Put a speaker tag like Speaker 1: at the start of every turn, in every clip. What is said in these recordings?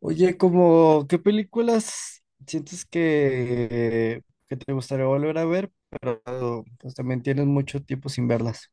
Speaker 1: Oye, como, ¿qué películas sientes que te gustaría volver a ver, pero pues también tienes mucho tiempo sin verlas?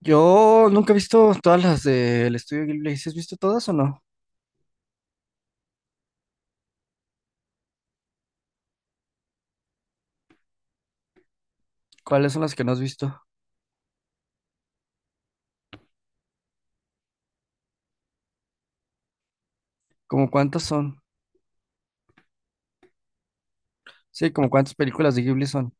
Speaker 1: Yo nunca he visto todas las del estudio Ghibli. ¿Sí has visto todas o no? ¿Cuáles son las que no has visto? ¿Cómo cuántas son? Sí, como cuántas películas de Ghibli son.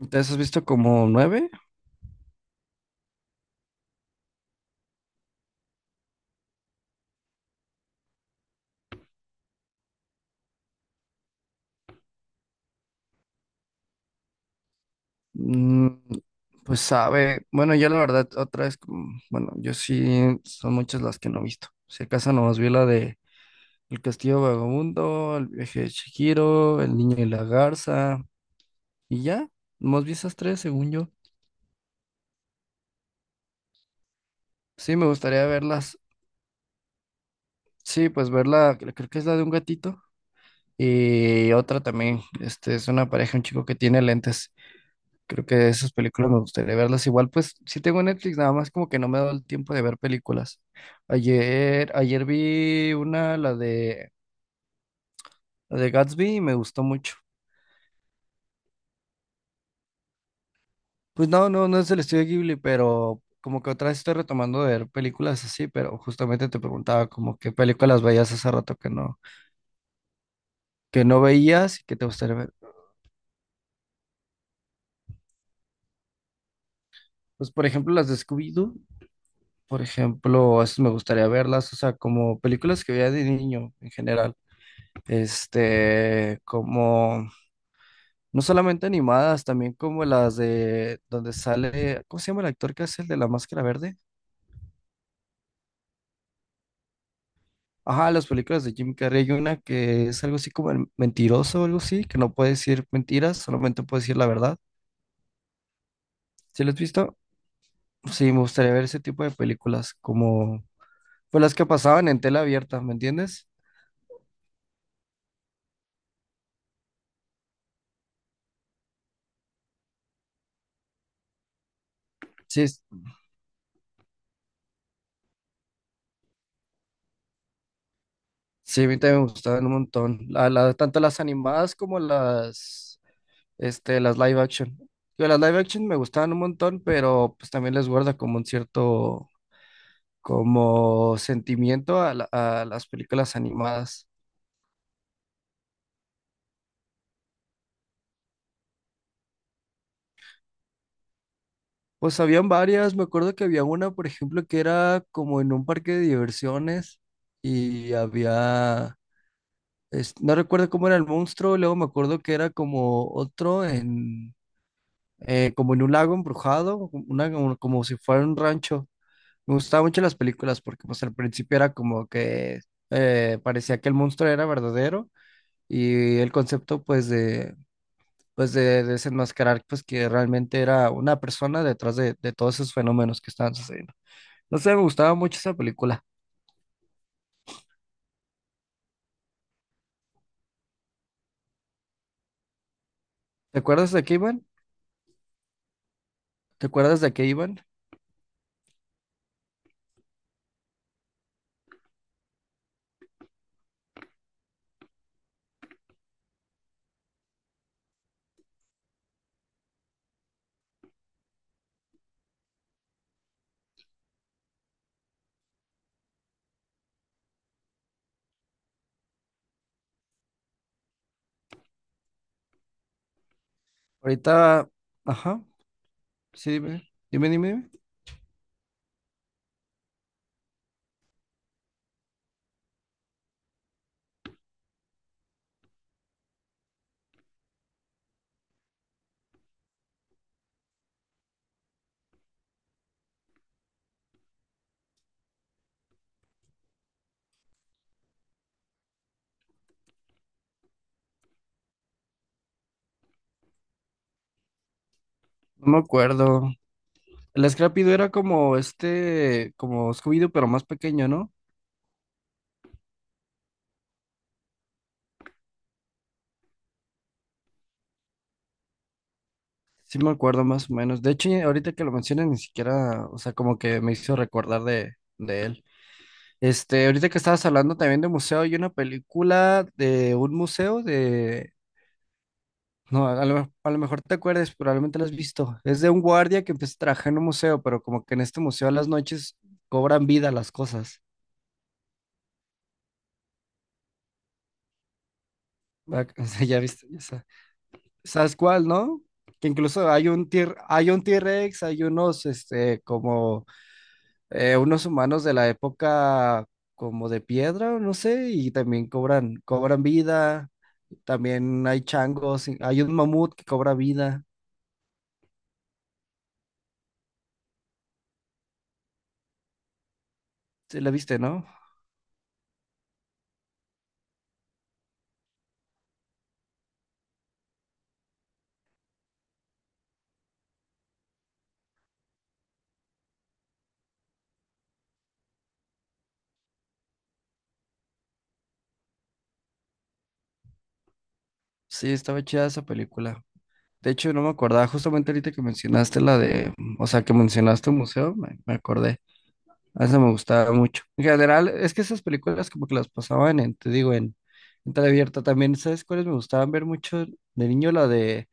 Speaker 1: Entonces, ¿has visto como nueve? Mm, pues sabe, bueno, yo la verdad, otra vez, bueno, yo sí, son muchas las que no he visto. Si acaso nomás vi la de El Castillo Vagabundo, El viaje de Chihiro, El Niño y la Garza, y ya, nomás vi esas tres, según yo. Sí, me gustaría verlas. Sí, pues verla, creo que es la de un gatito. Y otra también, este, es una pareja, un chico que tiene lentes. Creo que esas películas me gustaría verlas. Igual, pues sí tengo Netflix, nada más como que no me he dado el tiempo de ver películas. Ayer vi una, la de Gatsby, y me gustó mucho. Pues no, no, no es del estudio Ghibli, pero como que otra vez estoy retomando de ver películas así, pero justamente te preguntaba como qué películas veías hace rato que no veías y que te gustaría ver. Pues por ejemplo las de Scooby-Doo, por ejemplo, esas me gustaría verlas, o sea, como películas que veía de niño en general. Este, como no solamente animadas, también como las de donde sale, ¿cómo se llama el actor que hace el de la máscara verde? Ajá, las películas de Jim Carrey, hay una que es algo así como el mentiroso o algo así, que no puede decir mentiras, solamente puede decir la verdad. ¿Sí lo has visto? Sí, me gustaría ver ese tipo de películas, como pues las que pasaban en tela abierta, ¿me entiendes? Sí, es- sí, a mí también me gustaban un montón, tanto las animadas como las este, las live action. Yo las live action me gustaban un montón, pero pues también les guarda como un cierto, como sentimiento a las películas animadas. Pues habían varias, me acuerdo que había una, por ejemplo, que era como en un parque de diversiones y había, no recuerdo cómo era el monstruo, luego me acuerdo que era como otro en, como en un lago embrujado, una, como si fuera un rancho. Me gustaban mucho las películas porque pues al principio era como que parecía que el monstruo era verdadero y el concepto pues de desenmascarar pues que realmente era una persona detrás de todos esos fenómenos que estaban sucediendo. No sé, me gustaba mucho esa película. ¿Te acuerdas de qué iban? ¿Te acuerdas de qué iban? Ahorita, ajá, sí, dime. No me acuerdo. El Scrappy Doo era como este, como Scooby-Doo, pero más pequeño, ¿no? Sí me acuerdo más o menos. De hecho, ahorita que lo mencionas, ni siquiera, o sea, como que me hizo recordar de él. Este, ahorita que estabas hablando también de museo, hay una película de un museo de... No, a lo mejor te acuerdes, probablemente la has visto. Es de un guardia que empieza a trabajar en un museo, pero como que en este museo a las noches cobran vida las cosas. Va- o sea, ya viste, ya sa- ¿Sabes cuál, no? Que incluso hay un T-Rex, hay unos, este, como unos humanos de la época como de piedra, no sé, y también cobran vida. También hay changos, y hay un mamut que cobra vida. Sí, la viste, ¿no? Sí, estaba chida esa película. De hecho, no me acordaba, justamente ahorita que mencionaste la de, o sea, que mencionaste un museo, me acordé. A esa me gustaba mucho. En general, es que esas películas como que las pasaban en, te digo, en abierta. También, ¿sabes cuáles me gustaban ver mucho de niño? La de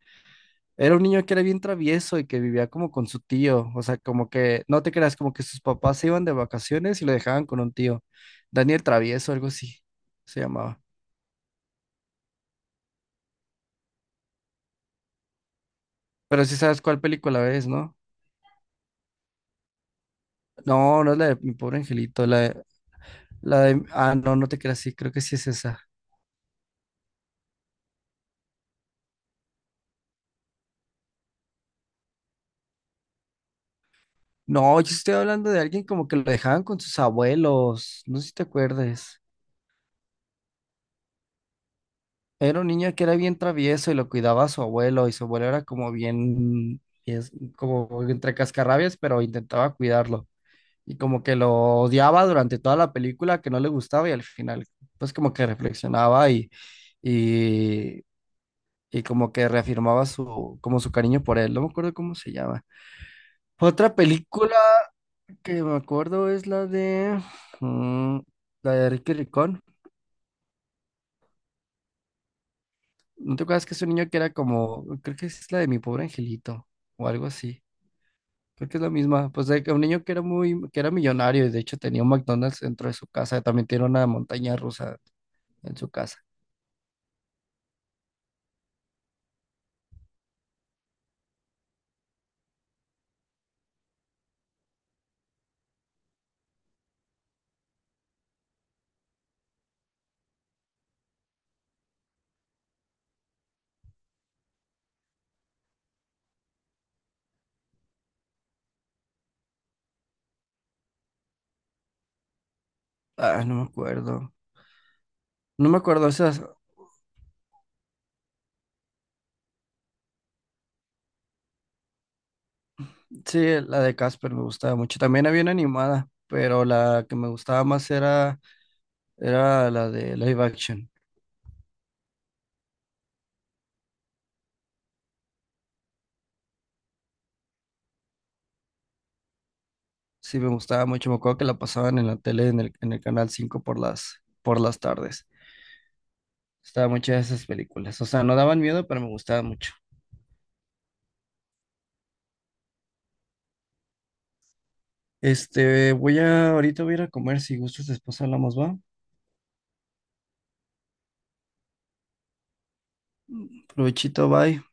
Speaker 1: era un niño que era bien travieso y que vivía como con su tío, o sea, como que, no te creas, como que sus papás se iban de vacaciones y lo dejaban con un tío. Daniel Travieso, algo así se llamaba. Pero sí sabes cuál película es, ¿no? No, no es la de Mi Pobre Angelito, ah, no, no te creas, sí, creo que sí es esa. No, yo estoy hablando de alguien como que lo dejaban con sus abuelos, no sé si te acuerdes. Era un niño que era bien travieso y lo cuidaba a su abuelo y su abuelo era como bien, es como entre cascarrabias, pero intentaba cuidarlo. Y como que lo odiaba durante toda la película, que no le gustaba y al final, pues como que y, y como que reafirmaba como su cariño por él. No me acuerdo cómo se llama. Otra película que me acuerdo es mm, la de Ricky Ricón. ¿No te acuerdas que es un niño que era como, creo que es la de Mi Pobre Angelito o algo así? Creo que es la misma. Pues de que un niño que era millonario y de hecho tenía un McDonald's dentro de su casa. También tiene una montaña rusa en su casa. Ah, no me acuerdo. No me acuerdo, esas, sí, la de Casper me gustaba mucho. También había una animada, pero la que me gustaba más era la de live action. Sí, me gustaba mucho. Me acuerdo que la pasaban en la tele, en el canal 5 por las tardes. Estaba muchas de esas películas. O sea, no daban miedo, pero me gustaba mucho. Este, ahorita voy a ir a comer. Si gustas, después hablamos, ¿va? Provechito, bye.